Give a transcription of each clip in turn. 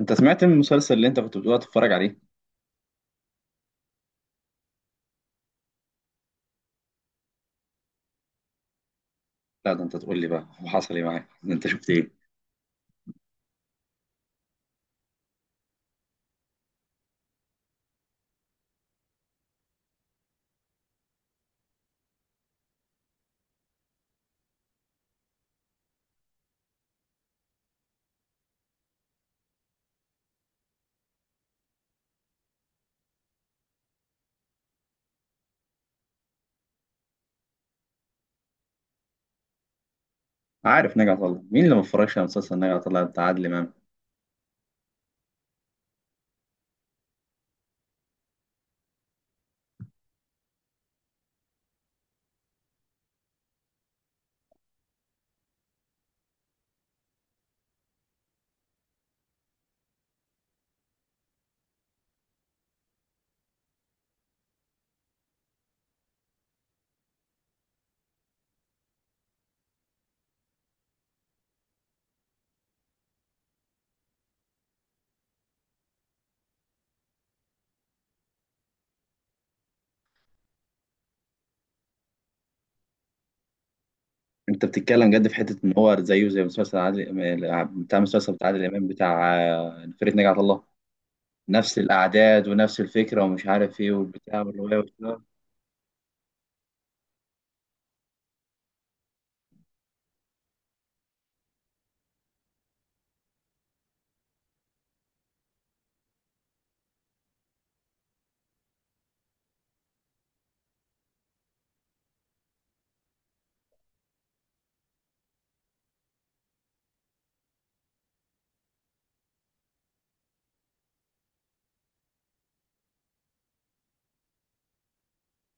انت سمعت من المسلسل اللي انت كنت بتقول تتفرج عليه؟ لا، ده انت تقول لي بقى، هو حصل ايه معاك؟ ده انت شفت ايه؟ عارف نجع طلع؟ مين اللي ما اتفرجش على مسلسل نجع طلع بتاع عادل امام؟ انت بتتكلم جد في حته ان هو زيه زي مسلسل عادل، بتاع مسلسل بتاع عادل امام بتاع فرقه نجع طلع. نفس الاعداد ونفس الفكره، ومش عارف ايه والبتاع والروايه والكلام.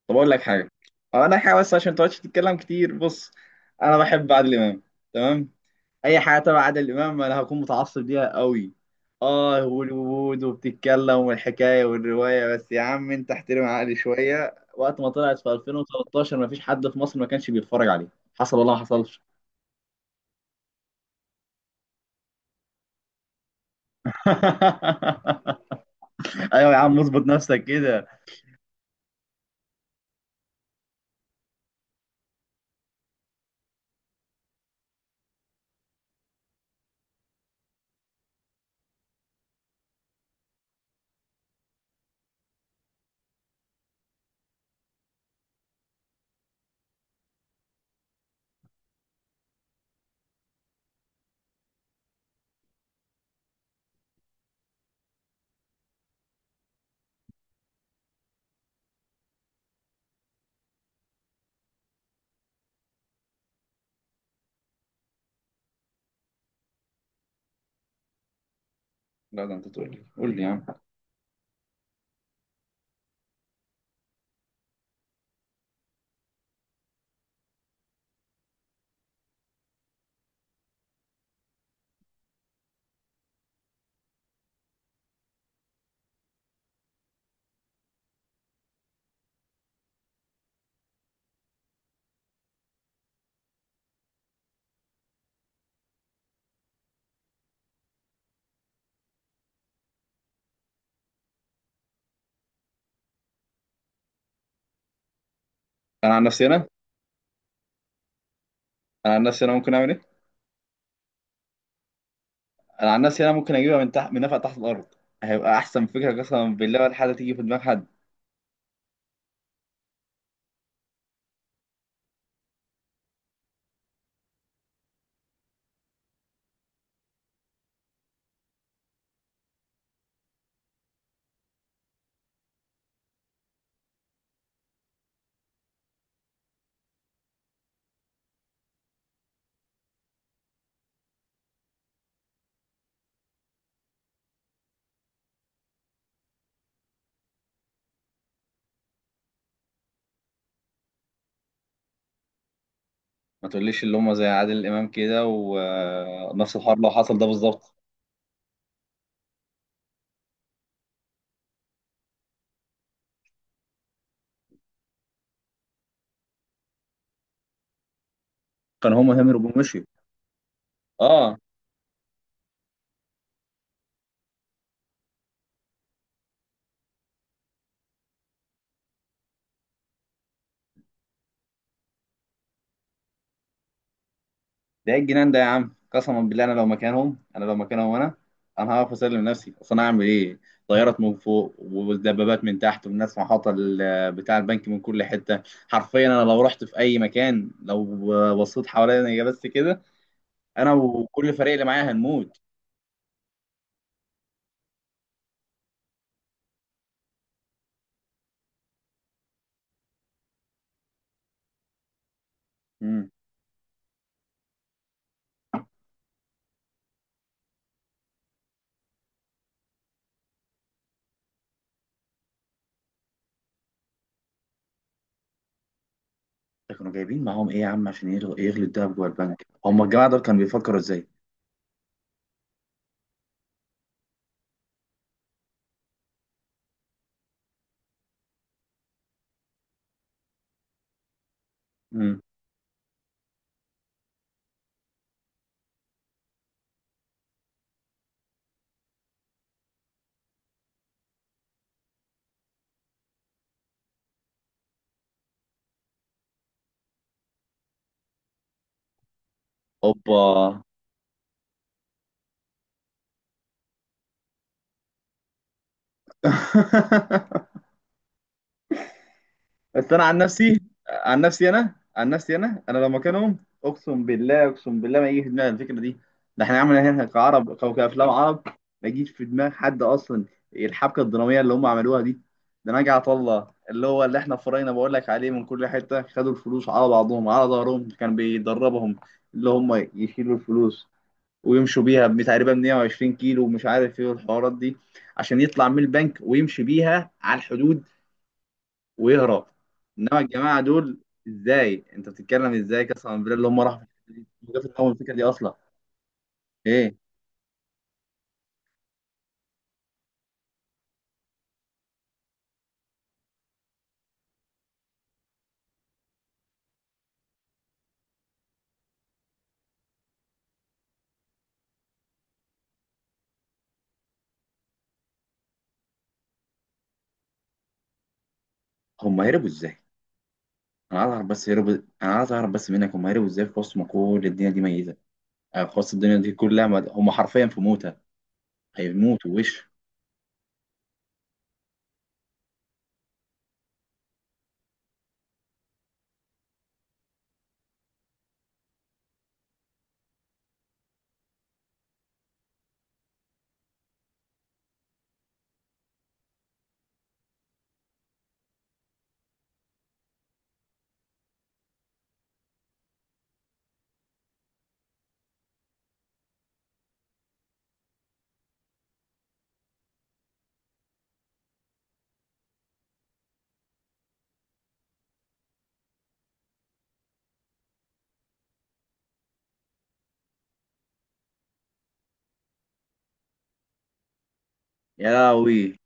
طب اقول لك حاجه، بس عشان ما تقعدش تتكلم كتير. بص، انا بحب عادل امام، تمام. اي حاجه تبع عادل امام انا هكون متعصب ليها قوي. اه، هوليوود وبتتكلم والحكايه والروايه، بس يا عم انت احترم عقلي شويه. وقت ما طلعت في 2013 ما فيش حد في مصر ما كانش بيتفرج عليه، حصل ولا ما حصلش؟ ايوه يا عم، اظبط نفسك كده. لا ده انت تقول لي قول لي يا عم. انا عن نفسي انا انا عن نفسي انا ممكن اعمل ايه؟ انا عن نفسي انا ممكن اجيبها من تحت، من نفق تحت الارض. هيبقى احسن فكره، قسما بالله، ولا حاجه تيجي في دماغ حد. ما تقوليش اللي هم زي عادل امام كده، ونفس الحوار لو حصل ده بالظبط. كان هم هربوا ومشيوا. اه. ده ايه الجنان ده يا عم؟ قسما بالله، انا لو مكانهم، انا لو مكانهم، انا هقف اسلم نفسي، اصل انا اعمل ايه؟ طيارات من فوق ودبابات من تحت، والناس محاطه، بتاع البنك من كل حته. حرفيا، انا لو رحت في اي مكان، لو بصيت حواليا بس كده، انا وكل الفريق اللي معايا هنموت. امم. ده كانوا جايبين معاهم ايه يا عم، عشان يغلوا الدهب جوه البنك؟ هم الجماعه دول كانوا بيفكروا ازاي؟ اوبا. بس انا عن نفسي انا لو مكانهم، اقسم بالله، اقسم بالله ما يجي في دماغي الفكره دي. ده احنا عملنا هنا كعرب، او كافلام عرب، ما يجيش في دماغ حد اصلا. الحبكه الدراميه اللي هم عملوها دي، ده نجعت الله اللي هو اللي احنا فرينا بقول لك عليه، من كل حته خدوا الفلوس على بعضهم على ظهرهم، كان بيدربهم اللي هم يشيلوا الفلوس ويمشوا بيها تقريبا 120 كيلو، ومش عارف ايه والحوارات دي، عشان يطلع من البنك ويمشي بيها على الحدود، ويهرب. انما الجماعه دول، ازاي انت بتتكلم ازاي؟ قسما بالله، اللي هم راحوا في الحتة دي، هم جابوا في الاول الفكره دي اصلا؟ ايه؟ هم هربوا ازاي؟ انا عايز اعرف بس، هربوا. انا عايز اعرف بس منك، هم هربوا ازاي في وسط ما كل الدنيا دي ميته؟ آه، في وسط الدنيا دي كلها هم حرفيا في موتة، هيموتوا وش. يا لهوي.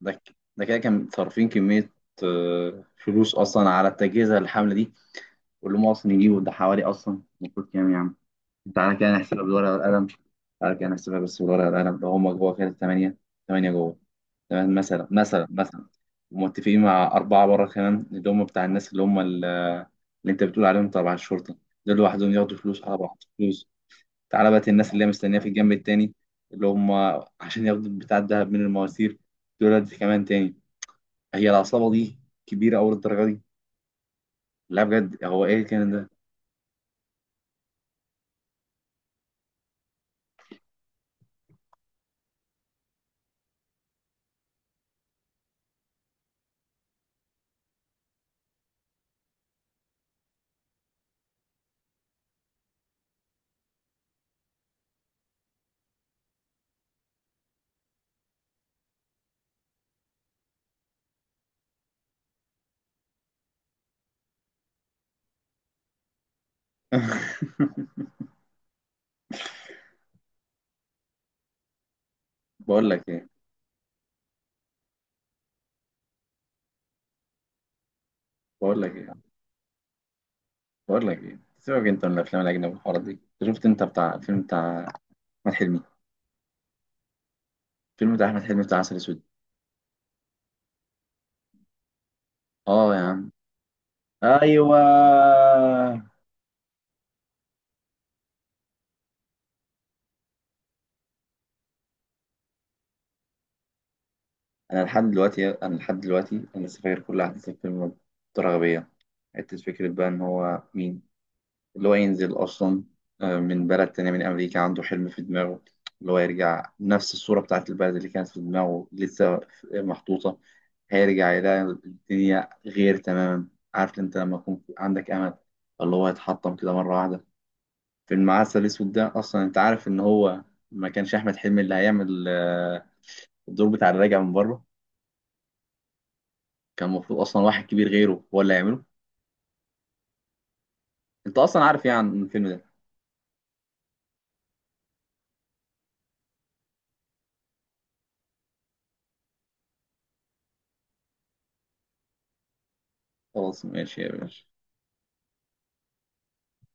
ده كده كان صارفين كميه، فلوس اصلا على التجهيز الحمله دي. قول له اصلا يجيبه، ده حوالي اصلا المفروض كام يا عم؟ تعالى كده نحسبها بالورقه والقلم، تعالى كده نحسبها بس بالورقه والقلم. ده هما جوه كده 8، 8 جوه، تمام. مثلا، ومتفقين مع أربعة بره كمان، اللي هم بتاع الناس اللي هم اللي أنت بتقول عليهم تبع الشرطة. دول لوحدهم ياخدوا فلوس، على بعض فلوس. تعالى بقى الناس اللي هي مستنية في الجنب التاني، اللي هم عشان ياخدوا بتاع الدهب من المواسير، دول دي كمان تاني. هي العصابة دي كبيرة أوي للدرجة دي؟ لا بجد، هو إيه كان ده؟ بقول لك ايه بقول لك ايه بقول لك ايه، سيبك انت من الافلام الاجنبي والحوارات دي. أنت شفت، انت بتاع الفيلم بتاع احمد حلمي، الفيلم بتاع احمد حلمي بتاع عسل اسود؟ اه يا عم. ايوه. انا لحد دلوقتي انا لسه فاكر كل احداث الفيلم، بطريقه غبيه. حته فكره بقى، ان هو مين اللي هو ينزل أصلا، من بلد تانية، من أمريكا، عنده حلم في دماغه، اللي هو يرجع نفس الصورة بتاعت البلد اللي كانت في دماغه لسه محطوطة. هيرجع يلاقي الدنيا غير تماما. عارف أنت لما يكون عندك أمل، اللي هو يتحطم كده مرة واحدة؟ في المعسل الأسود ده، أصلا أنت عارف إن هو ما كانش أحمد حلمي اللي هيعمل الدور بتاع الراجع من بره؟ كان المفروض أصلا واحد كبير غيره هو اللي هيعمله. أنت أصلا عارف يعني الفيلم ده. خلاص، ماشي يا باشا.